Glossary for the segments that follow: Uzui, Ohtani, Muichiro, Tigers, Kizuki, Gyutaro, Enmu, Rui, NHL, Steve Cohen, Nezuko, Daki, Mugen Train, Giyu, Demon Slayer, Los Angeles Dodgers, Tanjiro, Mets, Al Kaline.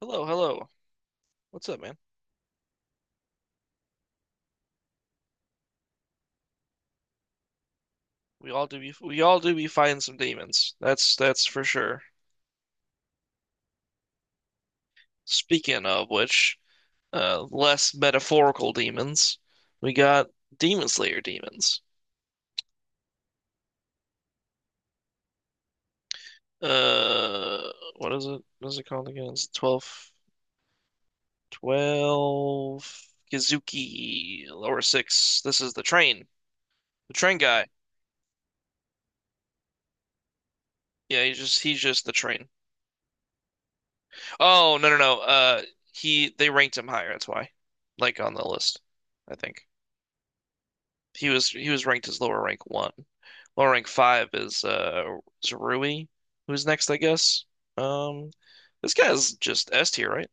Hello, hello. What's up, man? We all do be fighting some demons. That's for sure. Speaking of which, less metaphorical demons, we got Demon Slayer demons. Uh, what is it? What is it called again? It's 12, twelve Kizuki lower six. This is the train guy. Yeah, he's just the train. Oh no. He they ranked him higher. That's why, like on the list, I think. He was ranked as lower rank one. Lower rank five is Rui, who's next, I guess. Um, this guy's just S tier, right?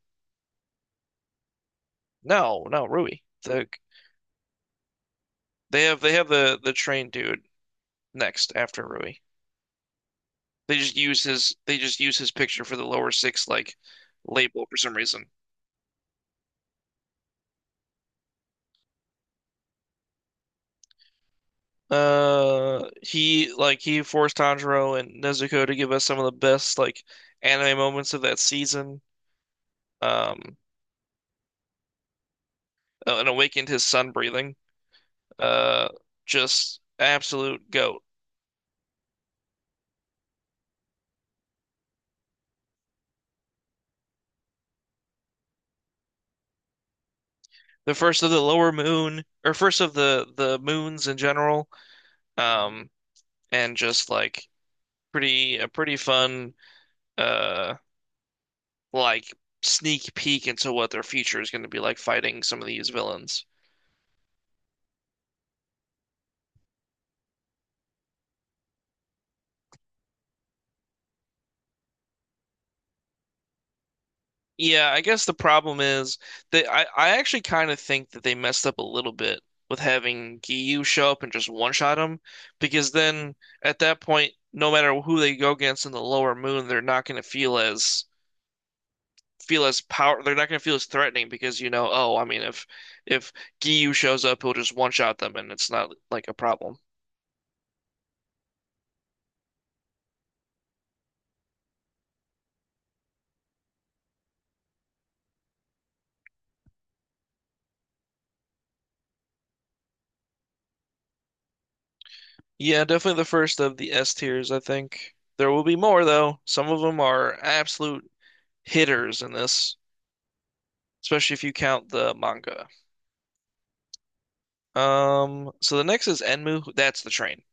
No, no, Rui. They have the train dude next after Rui. They just use his picture for the lower six like label for some reason. He forced Tanjiro and Nezuko to give us some of the best like anime moments of that season. Um, and awakened his sun breathing. Uh, just absolute goat. The first of the lower moon, or first of the moons in general. Um, and just like pretty a pretty fun uh like sneak peek into what their future is going to be like fighting some of these villains. Yeah, I guess the problem is that I actually kind of think that they messed up a little bit with having Giyu show up and just one-shot him because then at that point, no matter who they go against in the lower moon, they're not going to feel as power they're not going to feel as threatening because you know, oh, I mean if Giyu shows up, he'll just one shot them and it's not like a problem. Yeah, definitely the first of the S tiers, I think. There will be more though. Some of them are absolute hitters in this, especially if you count the manga. So the next is Enmu. That's the train.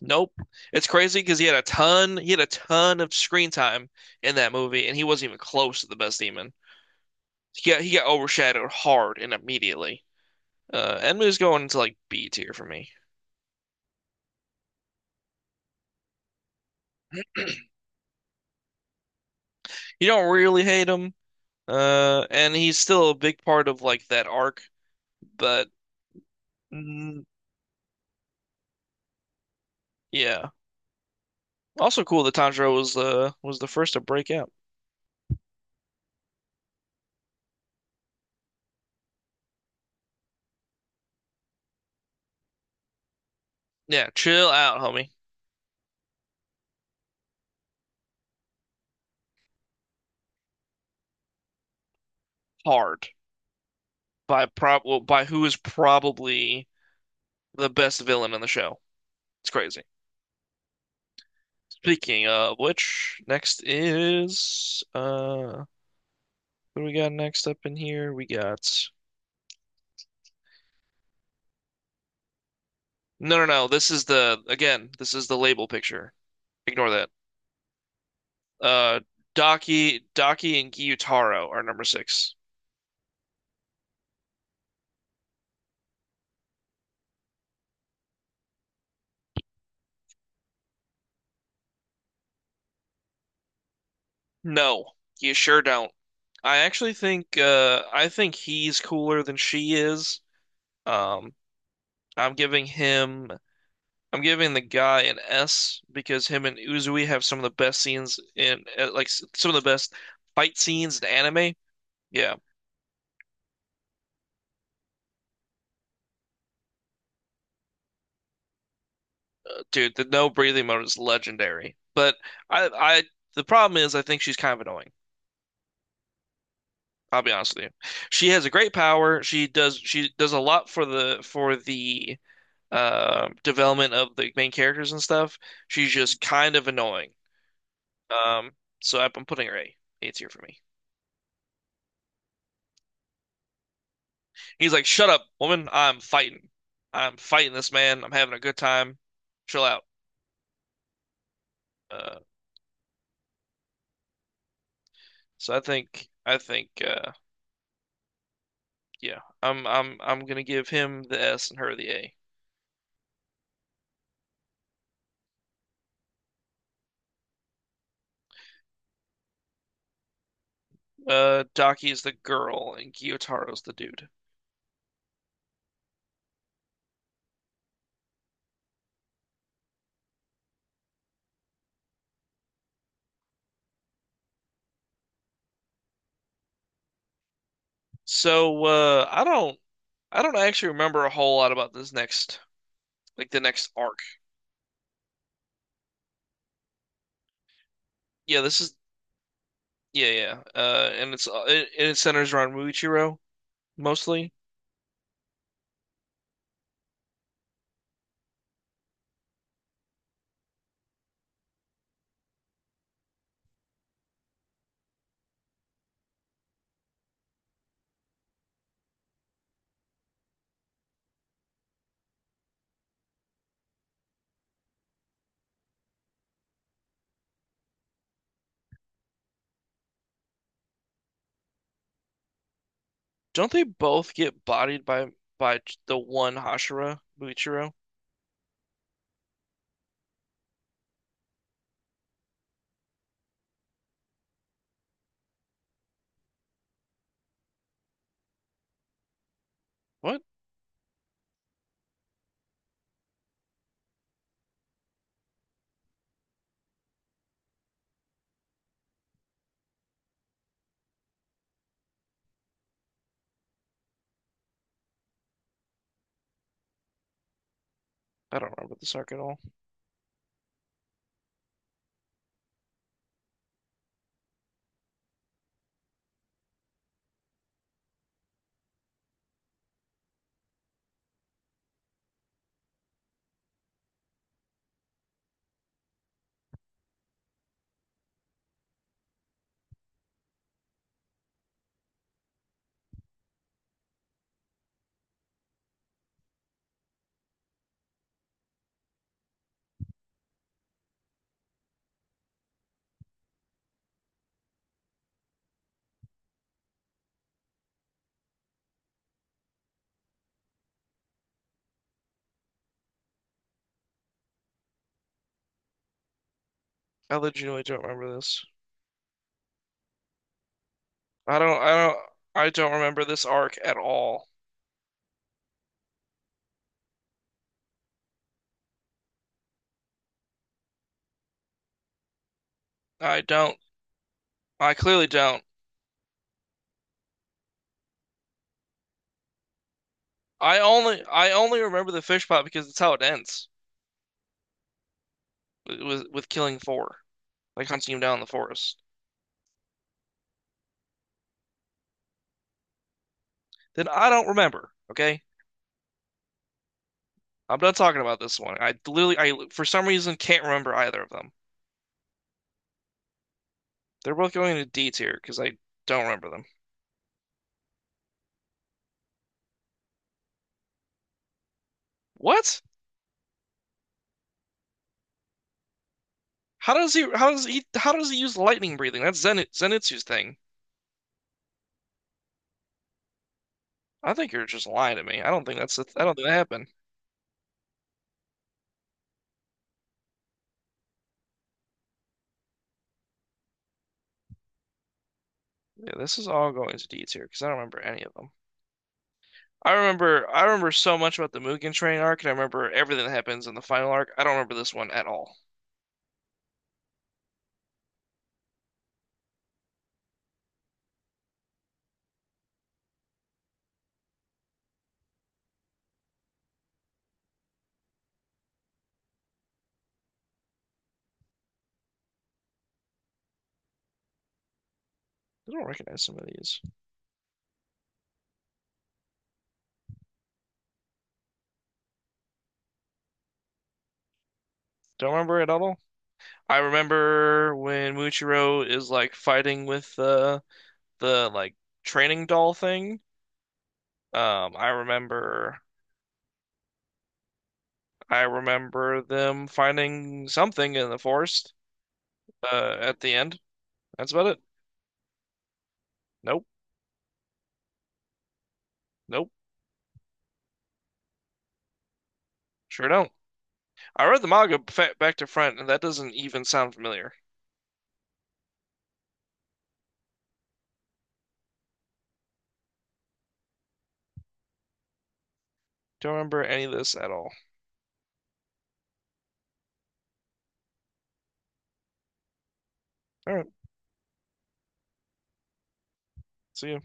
Nope. It's crazy because he had a ton of screen time in that movie, and he wasn't even close to the best demon. He got overshadowed hard and immediately. Enmu's going into like B tier for me. You don't really hate him, and he's still a big part of like that arc. But mm, yeah, also cool that Tanjiro was the first to break out. Yeah, chill out, homie. Hard by prob well, by who is probably the best villain in the show. It's crazy. Speaking of which, next is what do we got next up in here? We got no. This is the again. This is the label picture. Ignore that. Uh, Daki and Gyutaro are number six. No, you sure don't. I actually think I think he's cooler than she is. Um, I'm giving him I'm giving the guy an S because him and Uzui have some of the best scenes in some of the best fight scenes in anime. Yeah, dude, the no breathing mode is legendary. But I the problem is I think she's kind of annoying. I'll be honest with you. She has a great power. She does a lot for the development of the main characters and stuff. She's just kind of annoying. Um, so I'm putting her A. A tier for me. He's like, "Shut up, woman. I'm fighting. I'm fighting this man. I'm having a good time. Chill out." Uh, so I think yeah, I'm gonna give him the S and her the A. Daki's the girl and Gyotaro's the dude. So I don't actually remember a whole lot about this next like the next arc. Yeah, this is yeah yeah, and it centers around Muichiro mostly. Don't they both get bodied by the one Hashira Muichiro? What? I don't remember this arc at all. I legitimately don't remember this. I don't I don't I don't remember this arc at all. I don't. I clearly don't. I only remember the fish pot because that's how it ends with killing four. Like hunting him down in the forest, then I don't remember. Okay, I'm done talking about this one. I literally, I for some reason can't remember either of them. They're both going to D tier because I don't remember them. What? How does he use lightning breathing? That's Zenitsu's thing. I think you're just lying to me. I don't think that's. I don't think that happened. Yeah, this is all going to D tier because I don't remember any of them. I remember so much about the Mugen Train arc, and I remember everything that happens in the final arc. I don't remember this one at all. I don't recognize some of these. Don't remember it at all. I remember when Muichiro is like fighting with the like training doll thing. Um, I remember I remember them finding something in the forest at the end. That's about it. Nope. Nope. Sure don't. I read the manga back to front and that doesn't even sound familiar. Don't remember any of this at all. All right. See you.